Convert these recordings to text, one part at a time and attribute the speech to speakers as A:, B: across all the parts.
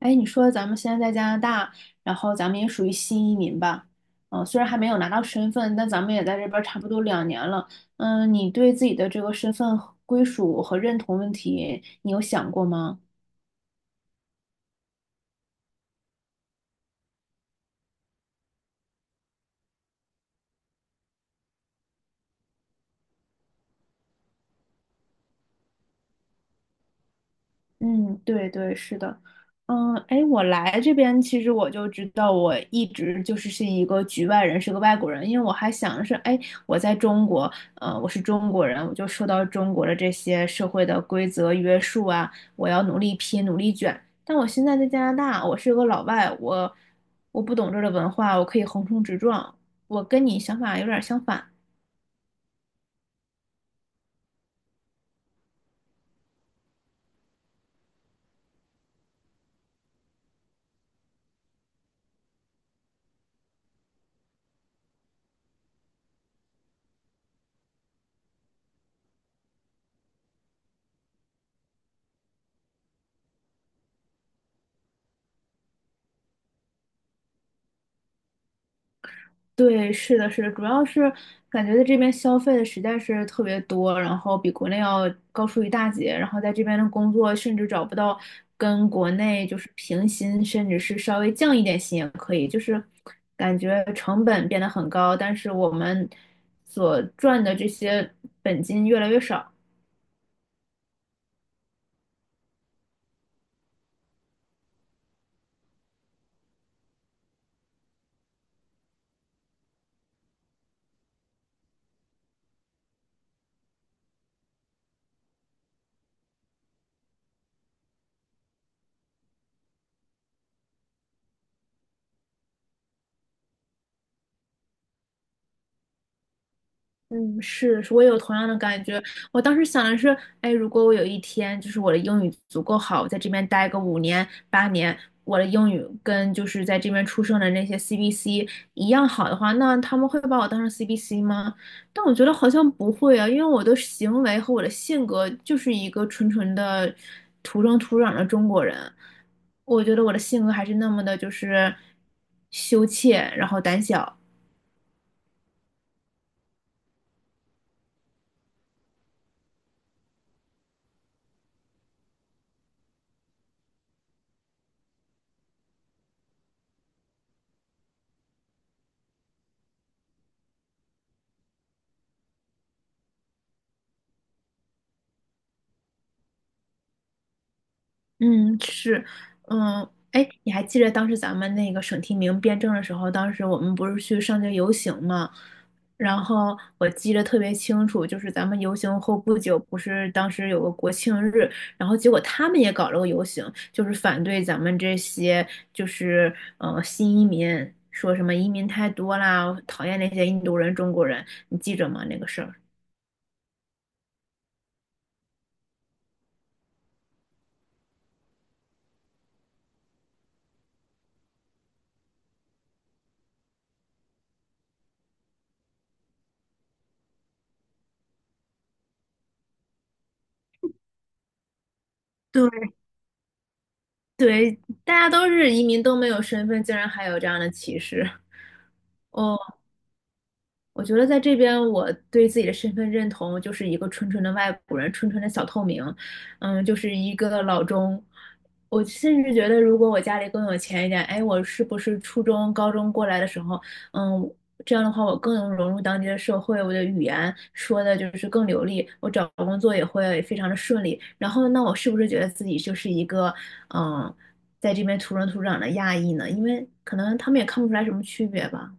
A: 哎，你说咱们现在在加拿大，然后咱们也属于新移民吧？嗯，虽然还没有拿到身份，但咱们也在这边儿差不多两年了。嗯，你对自己的这个身份和归属和认同问题，你有想过吗？嗯，对对，是的，嗯，哎，我来这边其实我就知道，我一直就是一个局外人，是个外国人，因为我还想是，哎，我在中国，我是中国人，我就受到中国的这些社会的规则约束啊，我要努力拼，努力卷。但我现在在加拿大，我是个老外，我不懂这儿的文化，我可以横冲直撞，我跟你想法有点儿相反。对，是的，是的，主要是感觉在这边消费的实在是特别多，然后比国内要高出一大截，然后在这边的工作甚至找不到跟国内就是平薪，甚至是稍微降一点薪也可以，就是感觉成本变得很高，但是我们所赚的这些本金越来越少。嗯，是，是我也有同样的感觉。我当时想的是，哎，如果我有一天就是我的英语足够好，我在这边待个五年八年，我的英语跟就是在这边出生的那些 CBC 一样好的话，那他们会把我当成 CBC 吗？但我觉得好像不会啊，因为我的行为和我的性格就是一个纯纯的土生土长的中国人。我觉得我的性格还是那么的，就是羞怯，然后胆小。嗯，是，嗯，哎，你还记得当时咱们那个省提名辩证的时候，当时我们不是去上街游行嘛？然后我记得特别清楚，就是咱们游行后不久，不是当时有个国庆日，然后结果他们也搞了个游行，就是反对咱们这些就是新移民，说什么移民太多啦，讨厌那些印度人、中国人，你记着吗？那个事儿。对，大家都是移民，都没有身份，竟然还有这样的歧视。哦。我觉得在这边，我对自己的身份认同就是一个纯纯的外国人，纯纯的小透明，嗯，就是一个老中。我甚至觉得，如果我家里更有钱一点，哎，我是不是初中、高中过来的时候，嗯，这样的话我更能融入当地的社会，我的语言说的就是更流利，我找工作也会非常的顺利。然后，那我是不是觉得自己就是一个，嗯，在这边土生土长的亚裔呢？因为可能他们也看不出来什么区别吧。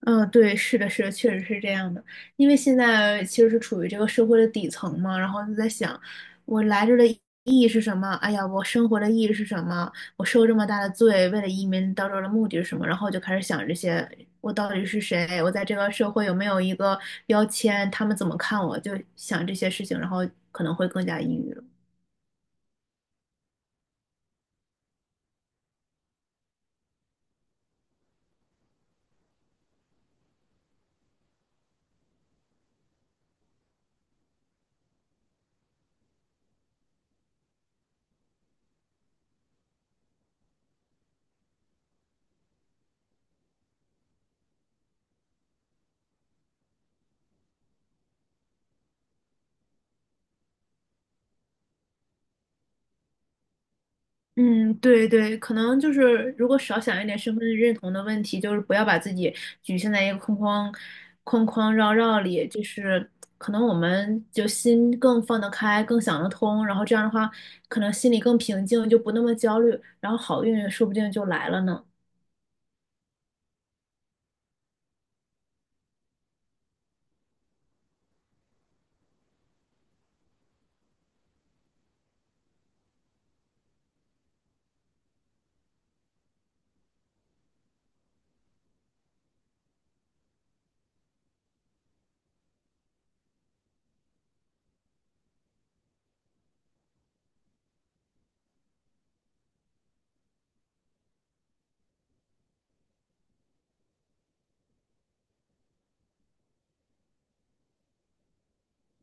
A: 嗯，对，是的，是的，确实是这样的。因为现在其实是处于这个社会的底层嘛，然后就在想，我来这儿的意义是什么？哎呀，我生活的意义是什么？我受这么大的罪，为了移民到这儿的目的是什么？然后就开始想这些，我到底是谁？我在这个社会有没有一个标签？他们怎么看我？就想这些事情，然后可能会更加抑郁了。嗯，对对，可能就是如果少想一点身份认同的问题，就是不要把自己局限在一个框框绕绕里，就是可能我们就心更放得开，更想得通，然后这样的话，可能心里更平静，就不那么焦虑，然后好运说不定就来了呢。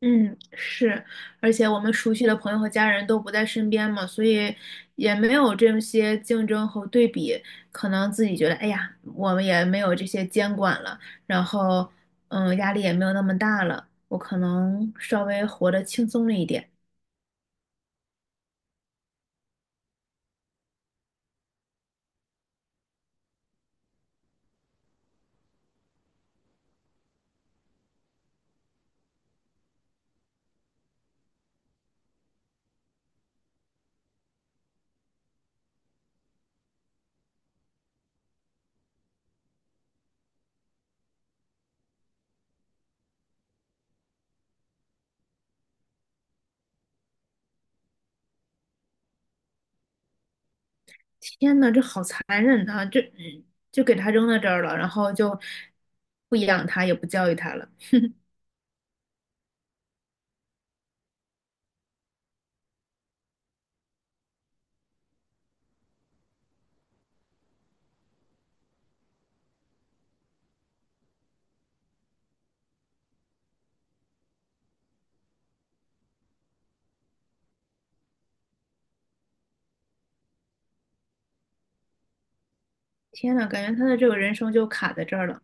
A: 嗯，是，而且我们熟悉的朋友和家人都不在身边嘛，所以也没有这些竞争和对比，可能自己觉得，哎呀，我们也没有这些监管了，然后，嗯，压力也没有那么大了，我可能稍微活得轻松了一点。天呐，这好残忍啊！这就给他扔到这儿了，然后就不养他，也不教育他了。天呐，感觉他的这个人生就卡在这儿了。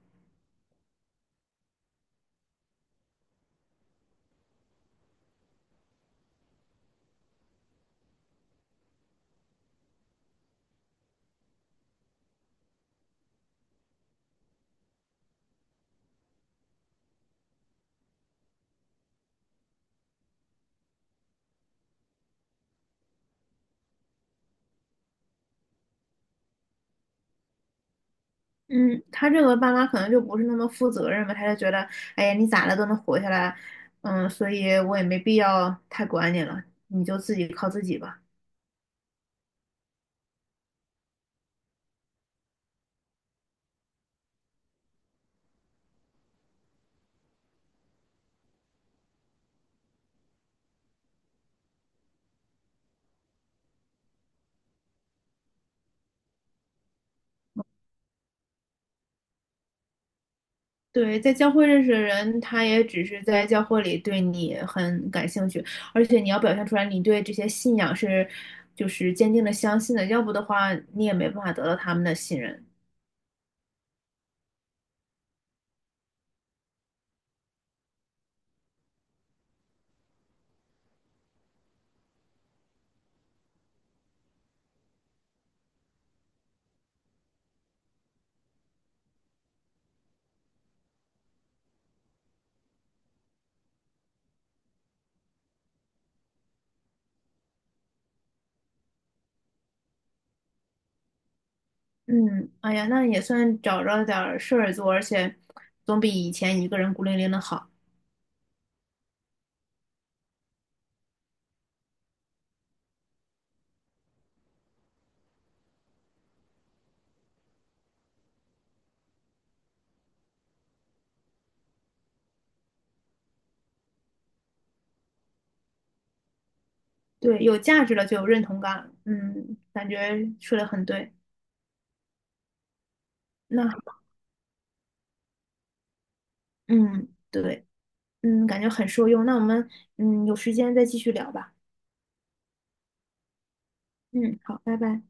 A: 嗯，他这个爸妈可能就不是那么负责任吧，他就觉得，哎呀，你咋了都能活下来，嗯，所以我也没必要太管你了，你就自己靠自己吧。对，在教会认识的人，他也只是在教会里对你很感兴趣，而且你要表现出来你对这些信仰是就是坚定的相信的，要不的话你也没办法得到他们的信任。嗯，哎呀，那也算找着点儿事儿做，而且总比以前一个人孤零零的好。对，有价值了就有认同感，嗯，感觉说的很对。那，嗯，对，嗯，感觉很受用。那我们，嗯，有时间再继续聊吧。嗯，好，拜拜。